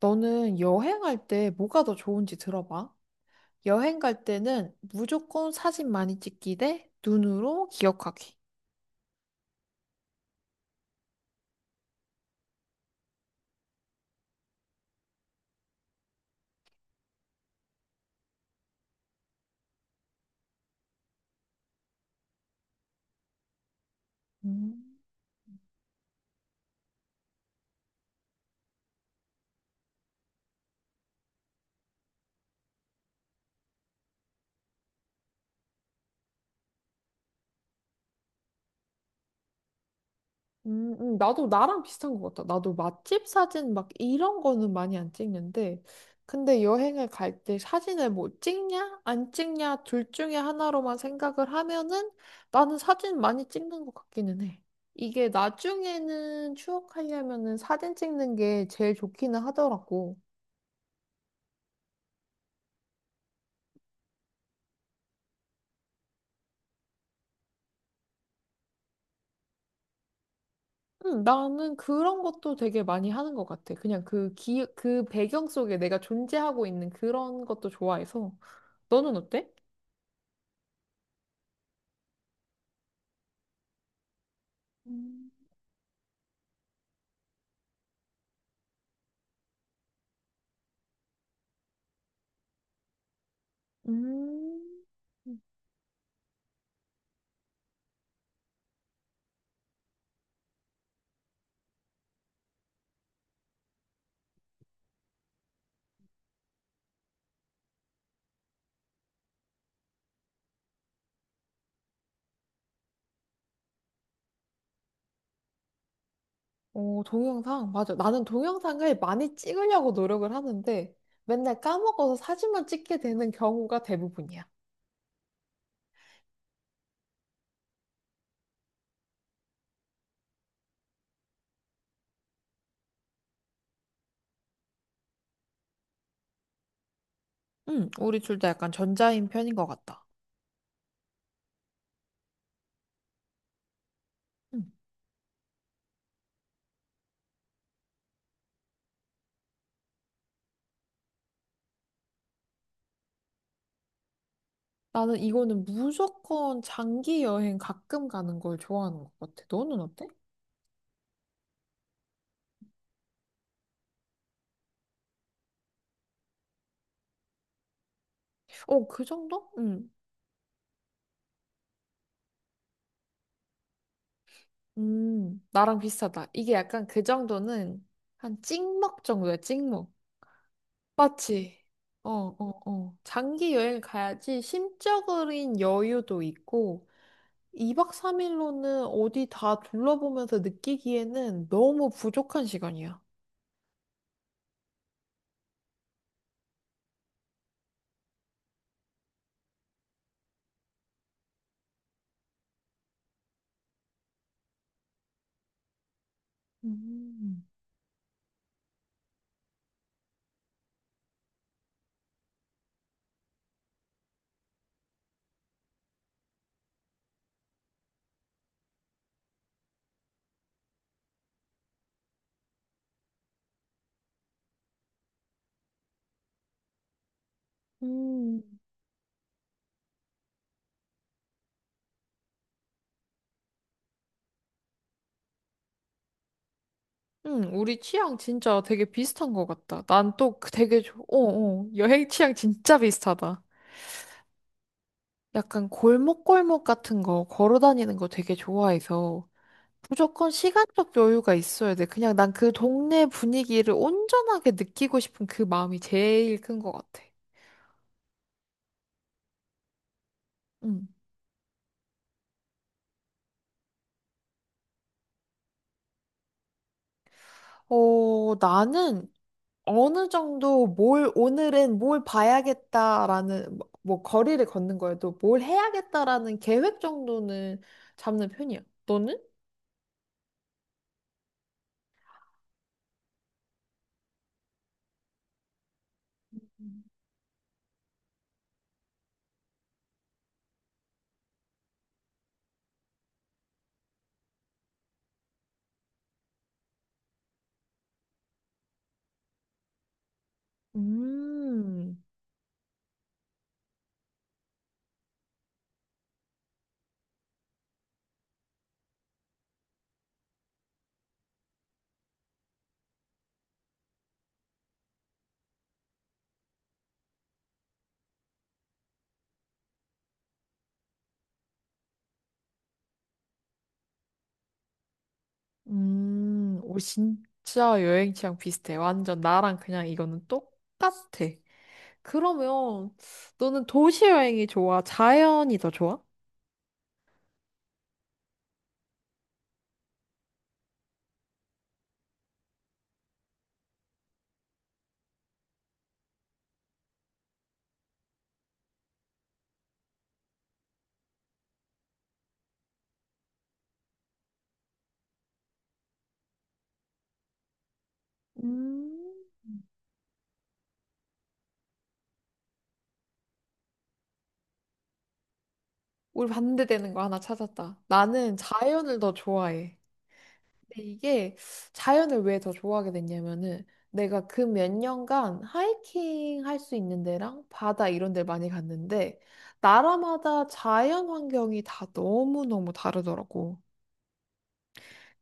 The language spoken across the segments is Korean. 너는 여행할 때 뭐가 더 좋은지 들어봐. 여행 갈 때는 무조건 사진 많이 찍기 대 눈으로 기억하기. 음. 나도 나랑 비슷한 것 같아. 나도 맛집 사진 막 이런 거는 많이 안 찍는데, 근데 여행을 갈 때 사진을 뭐 찍냐, 안 찍냐, 둘 중에 하나로만 생각을 하면은 나는 사진 많이 찍는 것 같기는 해. 이게 나중에는 추억하려면은 사진 찍는 게 제일 좋기는 하더라고. 나는 그런 것도 되게 많이 하는 것 같아. 그냥 그 배경 속에 내가 존재하고 있는 그런 것도 좋아해서. 너는 어때? 음. 음, 어, 동영상. 맞아. 나는 동영상을 많이 찍으려고 노력을 하는데 맨날 까먹어서 사진만 찍게 되는 경우가 대부분이야. 응, 우리 둘 다 약간 전자인 편인 것 같다. 응. 나는 이거는 무조건 장기 여행 가끔 가는 걸 좋아하는 것 같아. 너는 어때? 어, 그 정도? 응. 나랑 비슷하다. 이게 약간 그 정도는 한 찍먹 정도야, 찍먹. 맞지? 어, 어, 어. 장기 여행 가야지 심적인 여유도 있고, 2박 3일로는 어디 다 둘러보면서 느끼기에는 너무 부족한 시간이야. 음. 음. 응, 우리 취향 진짜 되게 비슷한 것 같다. 난또 그 되게, 여행 취향 진짜 비슷하다. 약간 골목골목 같은 거 걸어 다니는 거 되게 좋아해서 무조건 시간적 여유가 있어야 돼. 그냥 난 그 동네 분위기를 온전하게 느끼고 싶은 그 마음이 제일 큰 것 같아. 음, 어, 나는 어느 정도 오늘은 뭘 봐야겠다라는, 뭐 거리를 걷는 거여도 뭘 해야겠다라는 계획 정도는 잡는 편이야. 너는? 음, 오, 진짜 여행 취향 비슷해. 완전 나랑 그냥 이거는 똑같아. 그러면 너는 도시 여행이 좋아? 자연이 더 좋아? 음, 우리 반대되는 거 하나 찾았다. 나는 자연을 더 좋아해. 근데 이게 자연을 왜 더 좋아하게 됐냐면은 내가 그 몇 년간 하이킹 할 수 있는 데랑 바다 이런 데를 많이 갔는데 나라마다 자연 환경이 다 너무너무 다르더라고.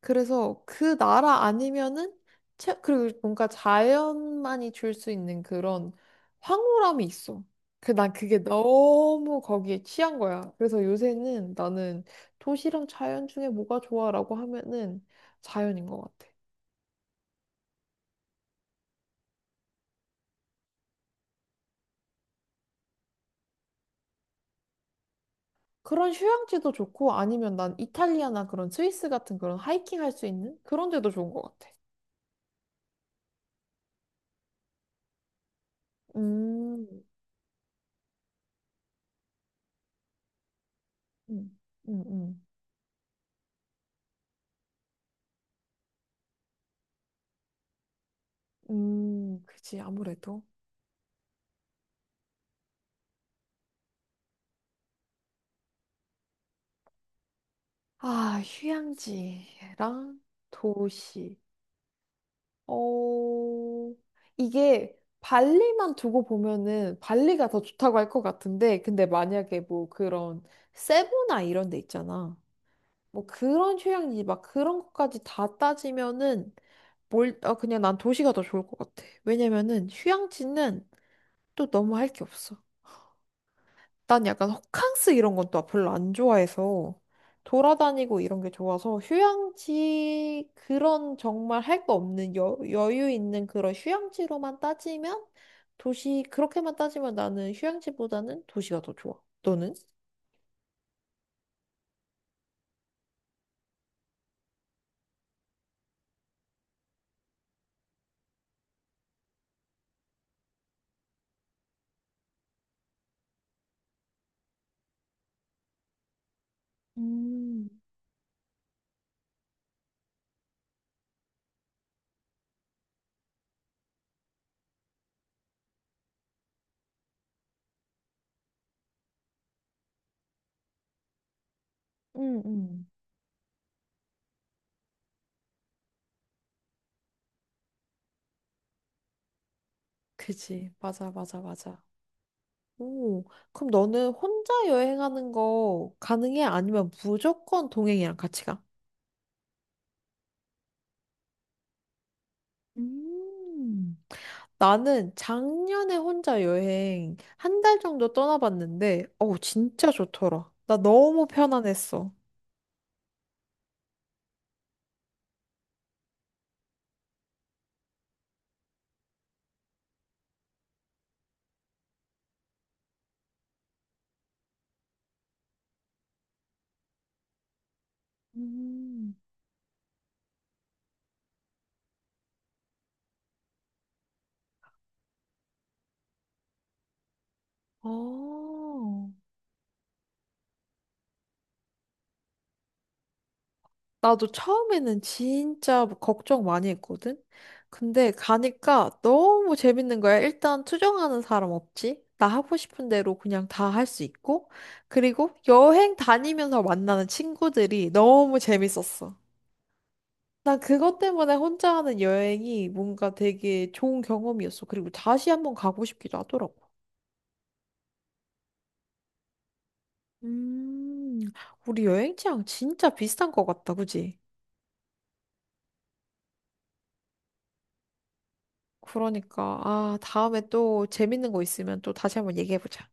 그래서 그 나라 아니면은 그리고 뭔가 자연만이 줄 수 있는 그런 황홀함이 있어. 그 난 그게 너무 거기에 취한 거야. 그래서 요새는 나는 도시랑 자연 중에 뭐가 좋아라고 하면은 자연인 것 같아. 그런 휴양지도 좋고 아니면 난 이탈리아나 그런 스위스 같은 그런 하이킹 할 수 있는 그런 데도 좋은 것 같아. 음, 음, 음, 음, 그지 아무래도. 아, 휴양지랑 도시. 어, 이게 발리만 두고 보면은 발리가 더 좋다고 할 것 같은데, 근데 만약에 뭐 그런 세부나 이런 데 있잖아. 뭐 그런 휴양지 막 그런 것까지 다 따지면은 아, 그냥 난 도시가 더 좋을 것 같아. 왜냐면은 휴양지는 또 너무 할 게 없어. 난 약간 호캉스 이런 건 또 별로 안 좋아해서 돌아다니고 이런 게 좋아서 휴양지 그런 정말 할 거 없는 여유 있는 그런 휴양지로만 따지면 도시 그렇게만 따지면 나는 휴양지보다는 도시가 더 좋아. 너는? 음, 음, 음. 그지. 맞아, 맞아, 맞아. 오, 그럼 너는 혼자 여행하는 거 가능해? 아니면 무조건 동행이랑 같이 가? 음. 나는 작년에 혼자 여행 한 달 정도 떠나봤는데, 어우, 진짜 좋더라. 나 너무 편안했어. 음. 어. 나도 처음에는 진짜 뭐 걱정 많이 했거든? 근데 가니까 너무 재밌는 거야. 일단 투정하는 사람 없지? 나 하고 싶은 대로 그냥 다 할 수 있고. 그리고 여행 다니면서 만나는 친구들이 너무 재밌었어. 난 그것 때문에 혼자 하는 여행이 뭔가 되게 좋은 경험이었어. 그리고 다시 한번 가고 싶기도 하더라고. 음, 우리 여행 취향 진짜 비슷한 것 같다, 그지? 그러니까, 아, 다음에 또 재밌는 거 있으면 또 다시 한번 얘기해보자.